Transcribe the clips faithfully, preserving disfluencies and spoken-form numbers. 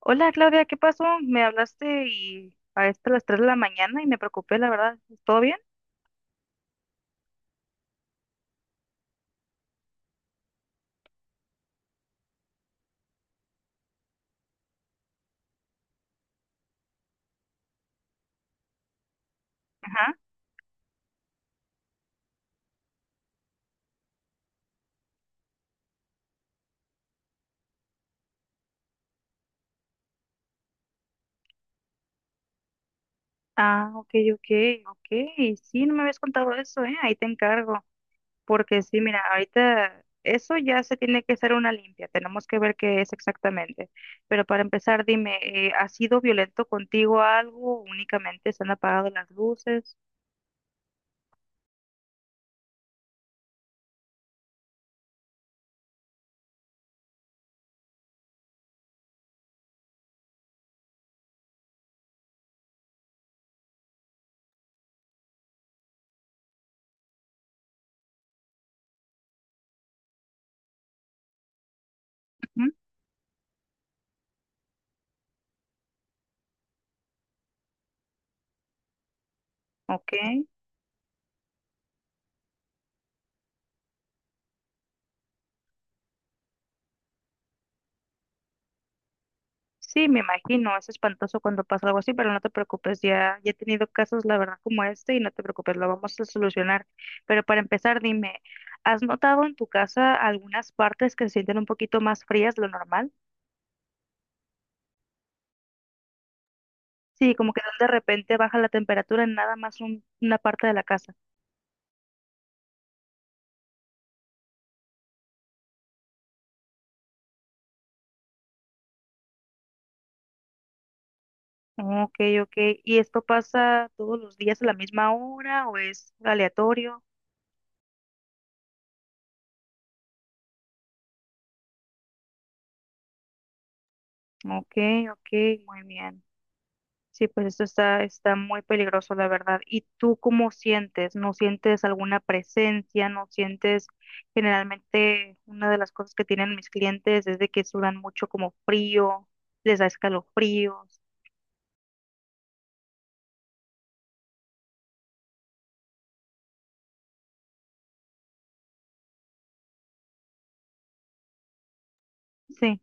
Hola Claudia, ¿qué pasó? Me hablaste y a esto a las tres de la mañana y me preocupé, la verdad. ¿Todo bien? Ajá. Ah, ok, ok, ok. Sí, no me habías contado eso, ¿eh? Ahí te encargo. Porque sí, mira, ahorita eso ya se tiene que hacer una limpia. Tenemos que ver qué es exactamente. Pero para empezar, dime, eh, ¿ha sido violento contigo algo? ¿Únicamente se han apagado las luces? Ujú, ok. Sí, me imagino, es espantoso cuando pasa algo así, pero no te preocupes, ya, ya he tenido casos, la verdad, como este y no te preocupes, lo vamos a solucionar. Pero para empezar, dime, ¿has notado en tu casa algunas partes que se sienten un poquito más frías de lo normal? Sí, como que de repente baja la temperatura en nada más un- una parte de la casa. Ok, ok. ¿Y esto pasa todos los días a la misma hora o es aleatorio? Ok, ok, muy bien. Sí, pues esto está, está muy peligroso, la verdad. ¿Y tú cómo sientes? ¿No sientes alguna presencia? ¿No sientes generalmente una de las cosas que tienen mis clientes es de que sudan mucho como frío, les da escalofríos? Sí.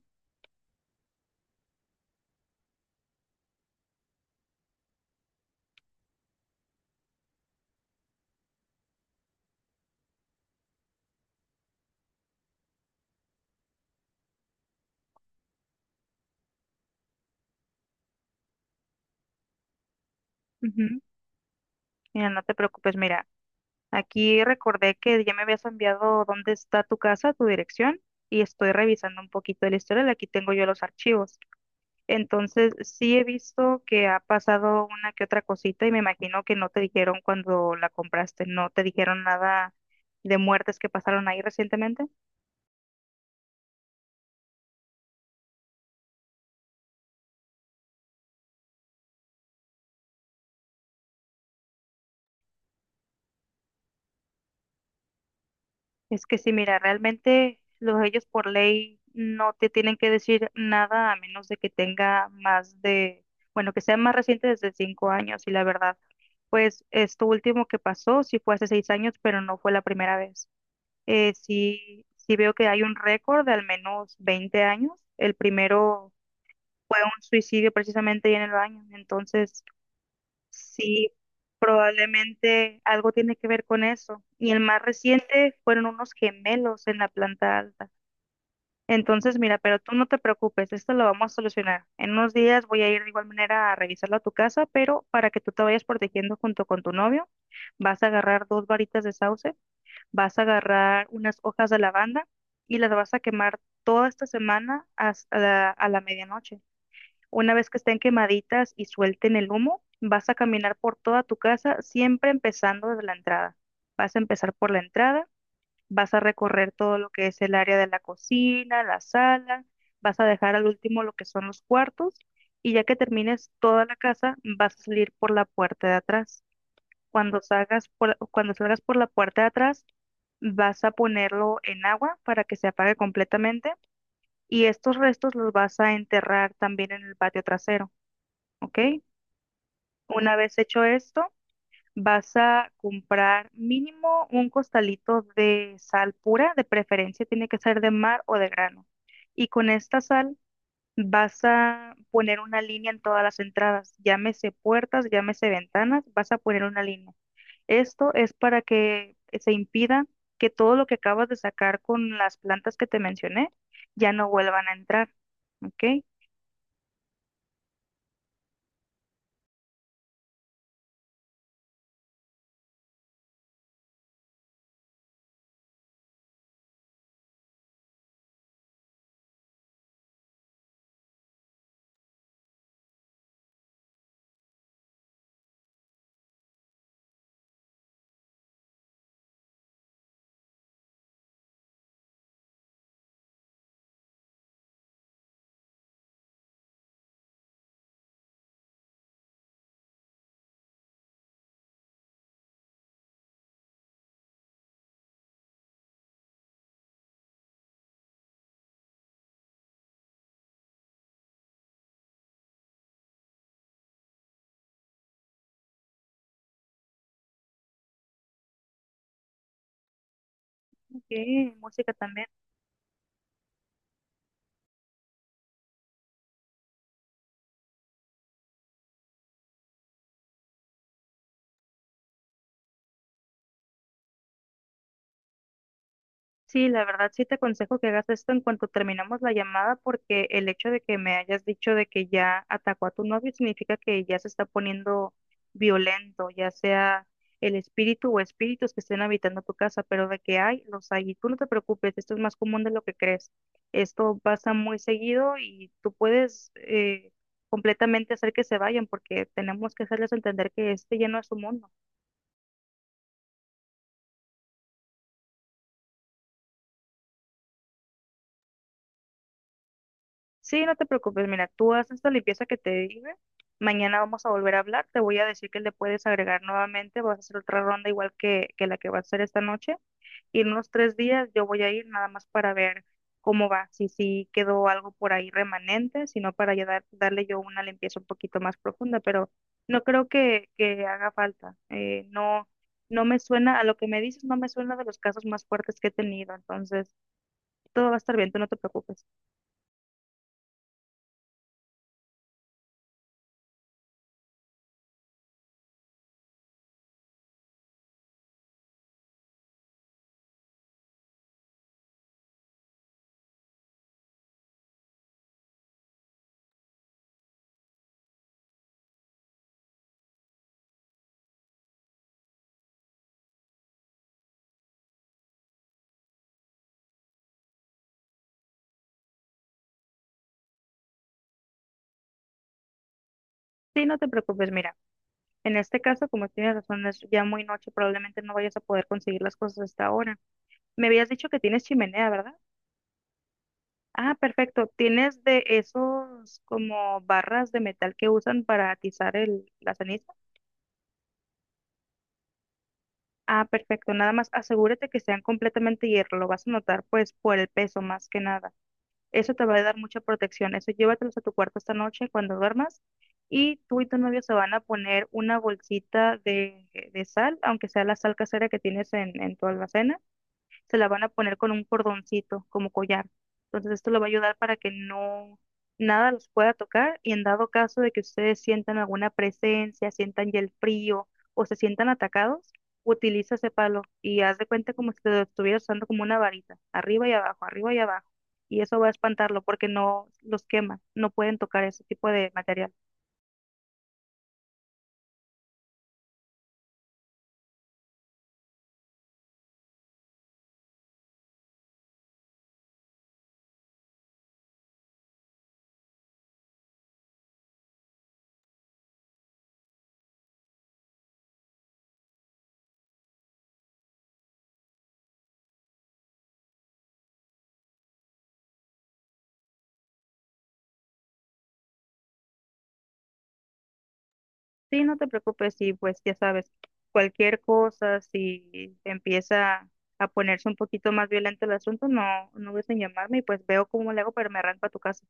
Ujú. Mira, no te preocupes, mira, aquí recordé que ya me habías enviado dónde está tu casa, tu dirección, y estoy revisando un poquito el historial. Aquí tengo yo los archivos. Entonces, sí he visto que ha pasado una que otra cosita y me imagino que no te dijeron cuando la compraste, no te dijeron nada de muertes que pasaron ahí recientemente. Es que sí, mira, realmente los ellos por ley no te tienen que decir nada a menos de que tenga más de, bueno, que sea más reciente desde cinco años y la verdad, pues esto último que pasó sí fue hace seis años, pero no fue la primera vez. Eh, sí, sí veo que hay un récord de al menos veinte años. El primero fue un suicidio precisamente ahí en el baño. Entonces, sí, probablemente algo tiene que ver con eso. Y el más reciente fueron unos gemelos en la planta alta. Entonces, mira, pero tú no te preocupes, esto lo vamos a solucionar. En unos días voy a ir de igual manera a revisarlo a tu casa, pero para que tú te vayas protegiendo junto con tu novio, vas a agarrar dos varitas de sauce. Vas a agarrar unas hojas de lavanda y las vas a quemar toda esta semana hasta la- a la medianoche. Una vez que estén quemaditas y suelten el humo, vas a caminar por toda tu casa, siempre empezando desde la entrada. Vas a empezar por la entrada, vas a recorrer todo lo que es el área de la cocina, la sala, vas a dejar al último lo que son los cuartos y ya que termines toda la casa, vas a salir por la puerta de atrás. Cuando salgas por, cuando salgas por la puerta de atrás, vas a ponerlo en agua para que se apague completamente y estos restos los vas a enterrar también en el patio trasero, ¿ok? Una vez hecho esto, vas a comprar mínimo un costalito de sal pura, de preferencia tiene que ser de mar o de grano. Y con esta sal vas a poner una línea en todas las entradas, llámese puertas, llámese ventanas, vas a poner una línea. Esto es para que se impida que todo lo que acabas de sacar con las plantas que te mencioné ya no vuelvan a entrar, ¿ok? Ok, música también. Sí, la verdad sí te aconsejo que hagas esto en cuanto terminamos la llamada porque el hecho de que me hayas dicho de que ya atacó a tu novio significa que ya se está poniendo violento, ya sea el espíritu o espíritus que estén habitando tu casa, pero de que hay, los hay. Y tú no te preocupes, esto es más común de lo que crees. Esto pasa muy seguido y tú puedes eh, completamente hacer que se vayan porque tenemos que hacerles entender que este ya no es su mundo. Sí, no te preocupes, mira, tú haces la limpieza que te dije. Mañana vamos a volver a hablar. Te voy a decir que le puedes agregar nuevamente. Vas a hacer otra ronda igual que, que la que vas a hacer esta noche. Y en unos tres días yo voy a ir nada más para ver cómo va, si sí quedó algo por ahí remanente, sino para ya dar- darle yo una limpieza un poquito más profunda. Pero no creo que, que haga falta. Eh, no, no me suena, a lo que me dices, no me suena de los casos más fuertes que he tenido. Entonces, todo va a estar bien, tú no te preocupes. Sí, no te preocupes, mira. En este caso, como tienes razón, es ya muy noche, probablemente no vayas a poder conseguir las cosas hasta ahora. Me habías dicho que tienes chimenea, ¿verdad? Ah, perfecto. ¿Tienes de esos como barras de metal que usan para atizar el, la ceniza? Ah, perfecto. Nada más asegúrate que sean completamente hierro. Lo vas a notar pues por el peso más que nada. Eso te va a dar mucha protección. Eso llévatelos a tu cuarto esta noche cuando duermas. Y tú y tu novio se van a poner una bolsita de, de sal, aunque sea la sal casera que tienes en, en tu alacena se la van a poner con un cordoncito como collar. Entonces esto le va a ayudar para que no nada los pueda tocar y en dado caso de que ustedes sientan alguna presencia, sientan ya el frío o se sientan atacados, utiliza ese palo y haz de cuenta como si lo estuvieras usando como una varita, arriba y abajo, arriba y abajo. Y eso va a espantarlo porque no los quema, no pueden tocar ese tipo de material. Sí, no te preocupes, y pues ya sabes, cualquier cosa, si empieza a ponerse un poquito más violento el asunto, no, no dudes en llamarme y pues veo cómo le hago, pero me arranco a tu casa.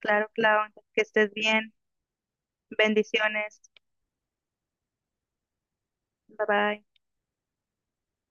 Claro, claro, entonces que estés bien, bendiciones, bye bye.